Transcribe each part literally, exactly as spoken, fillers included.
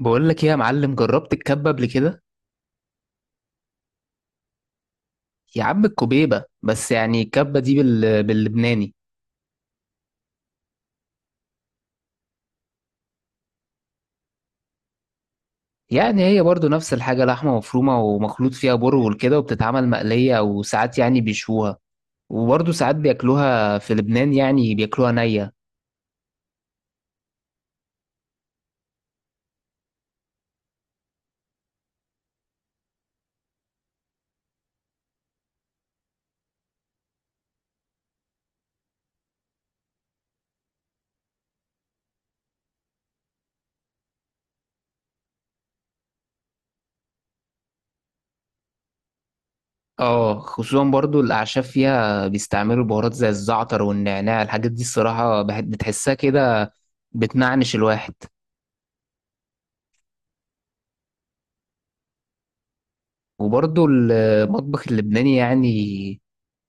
بقول لك ايه يا معلم، جربت الكبه قبل كده؟ يا عم الكبيبه، بس يعني الكبه دي بال... باللبناني. يعني هي برضو نفس الحاجه، لحمه مفرومه ومخلوط فيها برغل كده، وبتتعمل مقليه، وساعات يعني بيشوها. وبرضو ساعات بياكلوها في لبنان، يعني بياكلوها نيه. اه خصوصا برضو الاعشاب فيها، بيستعملوا بهارات زي الزعتر والنعناع، الحاجات دي الصراحه بح- بتحسها كده، بتنعنش الواحد. وبرضو المطبخ اللبناني يعني،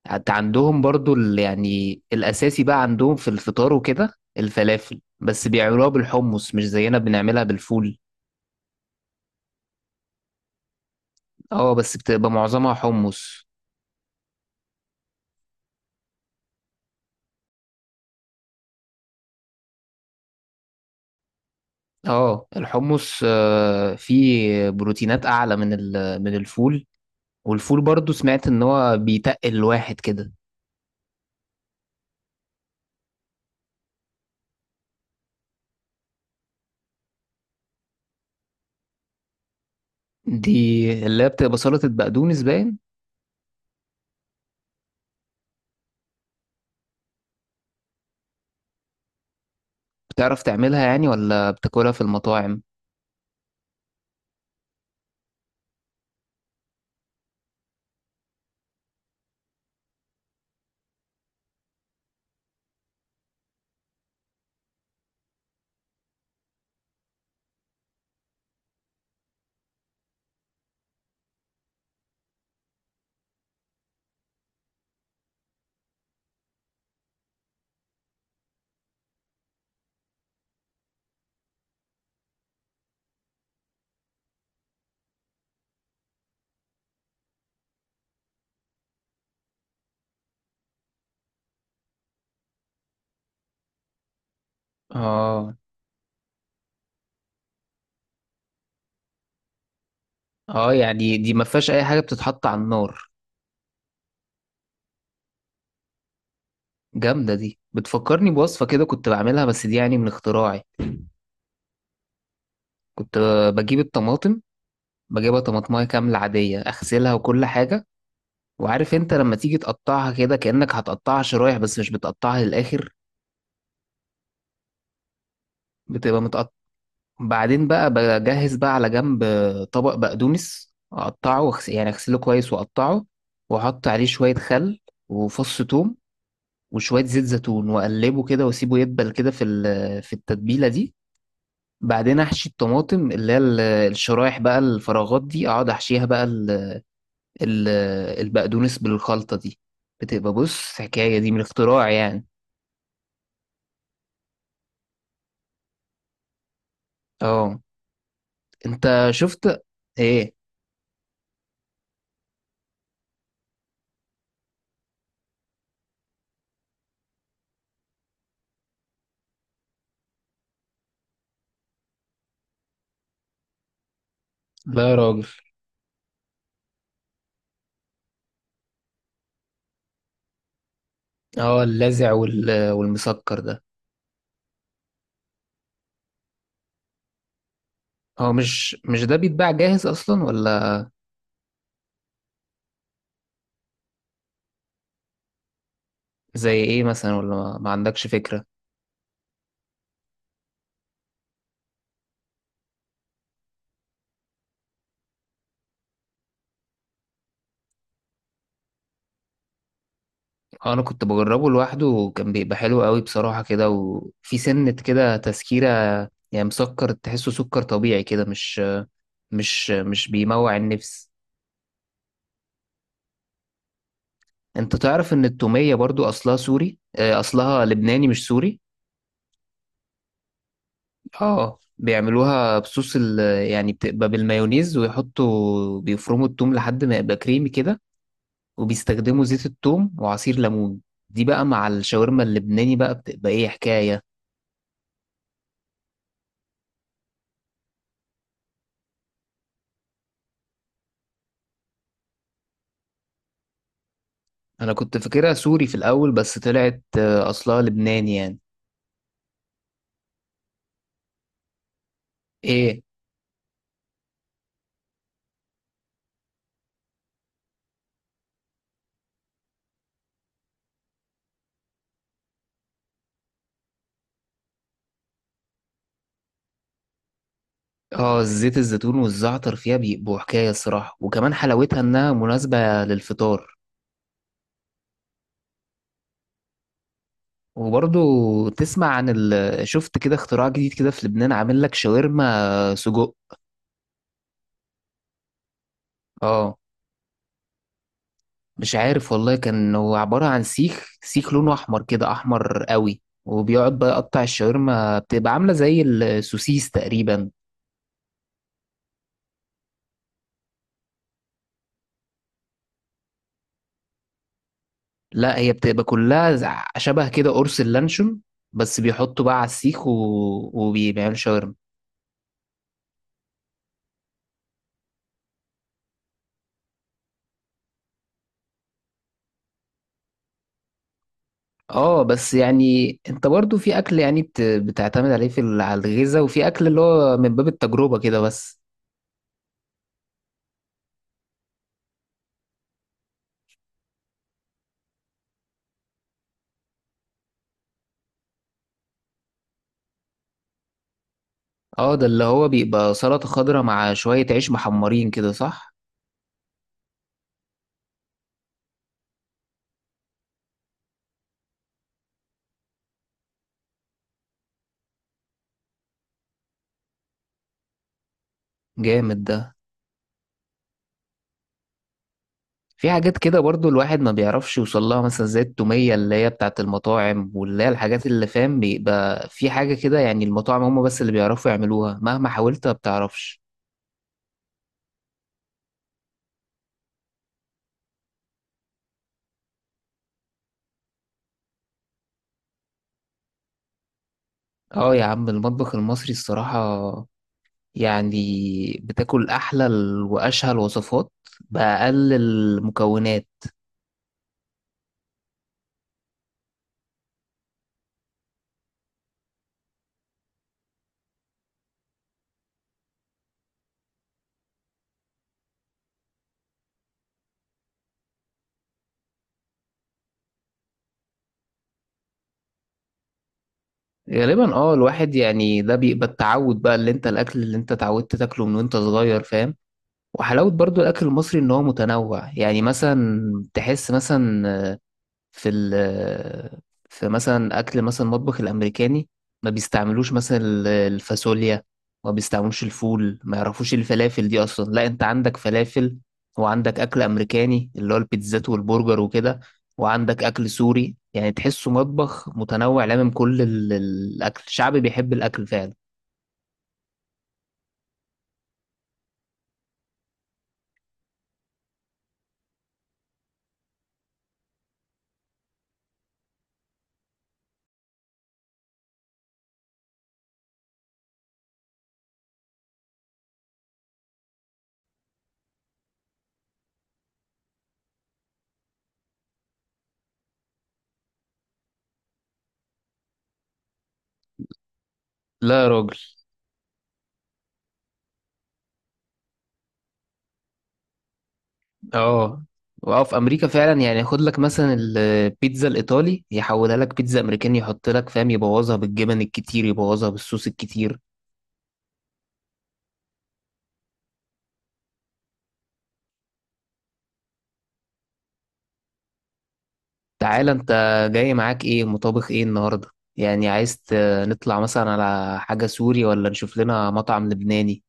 حتى عندهم برضو ال- يعني الأساسي بقى عندهم في الفطار وكده الفلافل، بس بيعملوها بالحمص، مش زينا بنعملها بالفول. اه بس بتبقى معظمها حمص. اه الحمص، آه، فيه بروتينات أعلى من ال- من الفول. والفول برضو سمعت إن هو بيتقل الواحد كده. دي اللي هي بتبقى سلطة بقدونس باين. بتعرف تعملها يعني ولا بتاكلها في المطاعم؟ اه اه، يعني دي ما فيهاش أي حاجة بتتحط على النار. جامدة دي، بتفكرني بوصفة كده كنت بعملها، بس دي يعني من اختراعي. كنت بجيب الطماطم، بجيبها طماطماية كاملة عادية، أغسلها وكل حاجة، وعارف أنت لما تيجي تقطعها كده كأنك هتقطعها شرايح، بس مش بتقطعها للآخر، بتبقى متقطع. بعدين بقى بجهز بقى على جنب طبق بقدونس، أقطعه وأغس- يعني أغسله كويس وأقطعه، وأحط عليه شوية خل وفص ثوم وشوية زيت زيتون، وأقلبه كده وأسيبه يدبل كده في ال- في التتبيلة دي. بعدين احشي الطماطم اللي هي ال- الشرايح بقى، الفراغات دي اقعد احشيها بقى ال- ال- البقدونس بالخلطة دي. بتبقى بص، حكاية دي من الاختراع يعني. اه انت شفت. ايه؟ لا يا راجل. اه اللاذع وال- والمسكر ده. هو مش مش ده بيتباع جاهز اصلا ولا؟ زي ايه مثلا، ولا ما ما عندكش فكرة؟ اه انا كنت بجربه لوحده، وكان بيبقى حلو قوي بصراحة كده، وفي سنة كده تسكيرة، يعني مسكر تحسه سكر طبيعي كده، مش. مش مش بيموع النفس. انت تعرف ان التومية برضو اصلها سوري، آه، اصلها لبناني مش سوري. اه بيعملوها بصوص ال يعني بتبقى بالمايونيز، ويحطوا بيفرموا التوم لحد ما يبقى كريمي كده، وبيستخدموا زيت التوم وعصير ليمون. دي بقى مع الشاورما اللبناني بقى بتبقى ايه حكاية. انا كنت فاكرها سوري في الاول، بس طلعت آه، اصلها لبناني يعني. ايه؟ اه زيت الزيتون والزعتر فيها بيبقوا حكاية الصراحة، وكمان حلاوتها انها مناسبة للفطار. وبرضو تسمع عن ال... شفت كده، اختراع جديد كده في لبنان، عامل لك شاورما سجق. اه مش عارف والله، كان هو عبارة عن سيخ، سيخ لونه أحمر كده، أحمر قوي، وبيقعد بقى يقطع الشاورما، بتبقى عاملة زي السوسيس تقريبا. لا هي بتبقى كلها زع- شبه كده قرص اللانشون، بس بيحطوا بقى على السيخ و... وبيعملوا شاورما. اه بس يعني انت برضو في اكل يعني بت... بتعتمد عليه في ال- على الغذاء، وفي اكل اللي هو من باب التجربة كده بس. اه ده اللي هو بيبقى سلطة خضراء مع شوية عيش محمرين كده، صح؟ جامد ده. في حاجات كده برضو الواحد ما بيعرفش يوصل لها، مثلا زي التومية اللي هي بتاعت المطاعم، واللي هي الحاجات اللي فاهم، بيبقى في حاجة كده يعني، المطاعم هم بس اللي بيعرفوا يعملوها، مهما حاولت ما بتعرفش. اه يا عم المطبخ المصري الصراحة، يعني بتاكل أحلى ال- وأشهى الوصفات بأقل المكونات. غالبا اه، الواحد يعني ده بيبقى التعود بقى، اللي انت الأكل اللي انت اتعودت تاكله من وانت صغير فاهم. وحلاوة برضو الأكل المصري إن هو متنوع، يعني مثلا تحس مثلا، آه، في ال آه، في مثلا أكل مثلا المطبخ الأمريكاني، ما بيستعملوش مثلا ال- الفاصوليا، ما بيستعملوش الفول، ما يعرفوش إيه الفلافل دي أصلا. لا أنت عندك فلافل، وعندك أكل أمريكاني اللي هو البيتزات والبرجر وكده، وعندك أكل سوري، يعني تحسه مطبخ متنوع، لامم كل ال- الأكل الشعب بيحب الأكل فعلا. لا يا راجل. اه، واه في امريكا فعلا، يعني ياخد لك مثلا البيتزا الايطالي، يحولها لك بيتزا امريكاني، يحط لك فاهم، يبوظها بالجبن الكتير، يبوظها بالصوص الكتير. تعالى انت، جاي معاك ايه مطابخ ايه النهارده؟ يعني عايز ت- نطلع مثلا على حاجه سوري، ولا نشوف لنا مطعم لبناني؟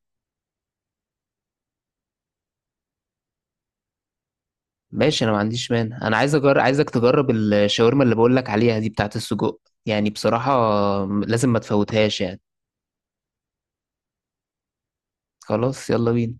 ماشي انا ما عنديش مانع، انا عايز أجر... عايزك تجرب الشاورما اللي بقول لك عليها دي، بتاعت السجق، يعني بصراحه لازم ما تفوتهاش يعني. خلاص يلا بينا.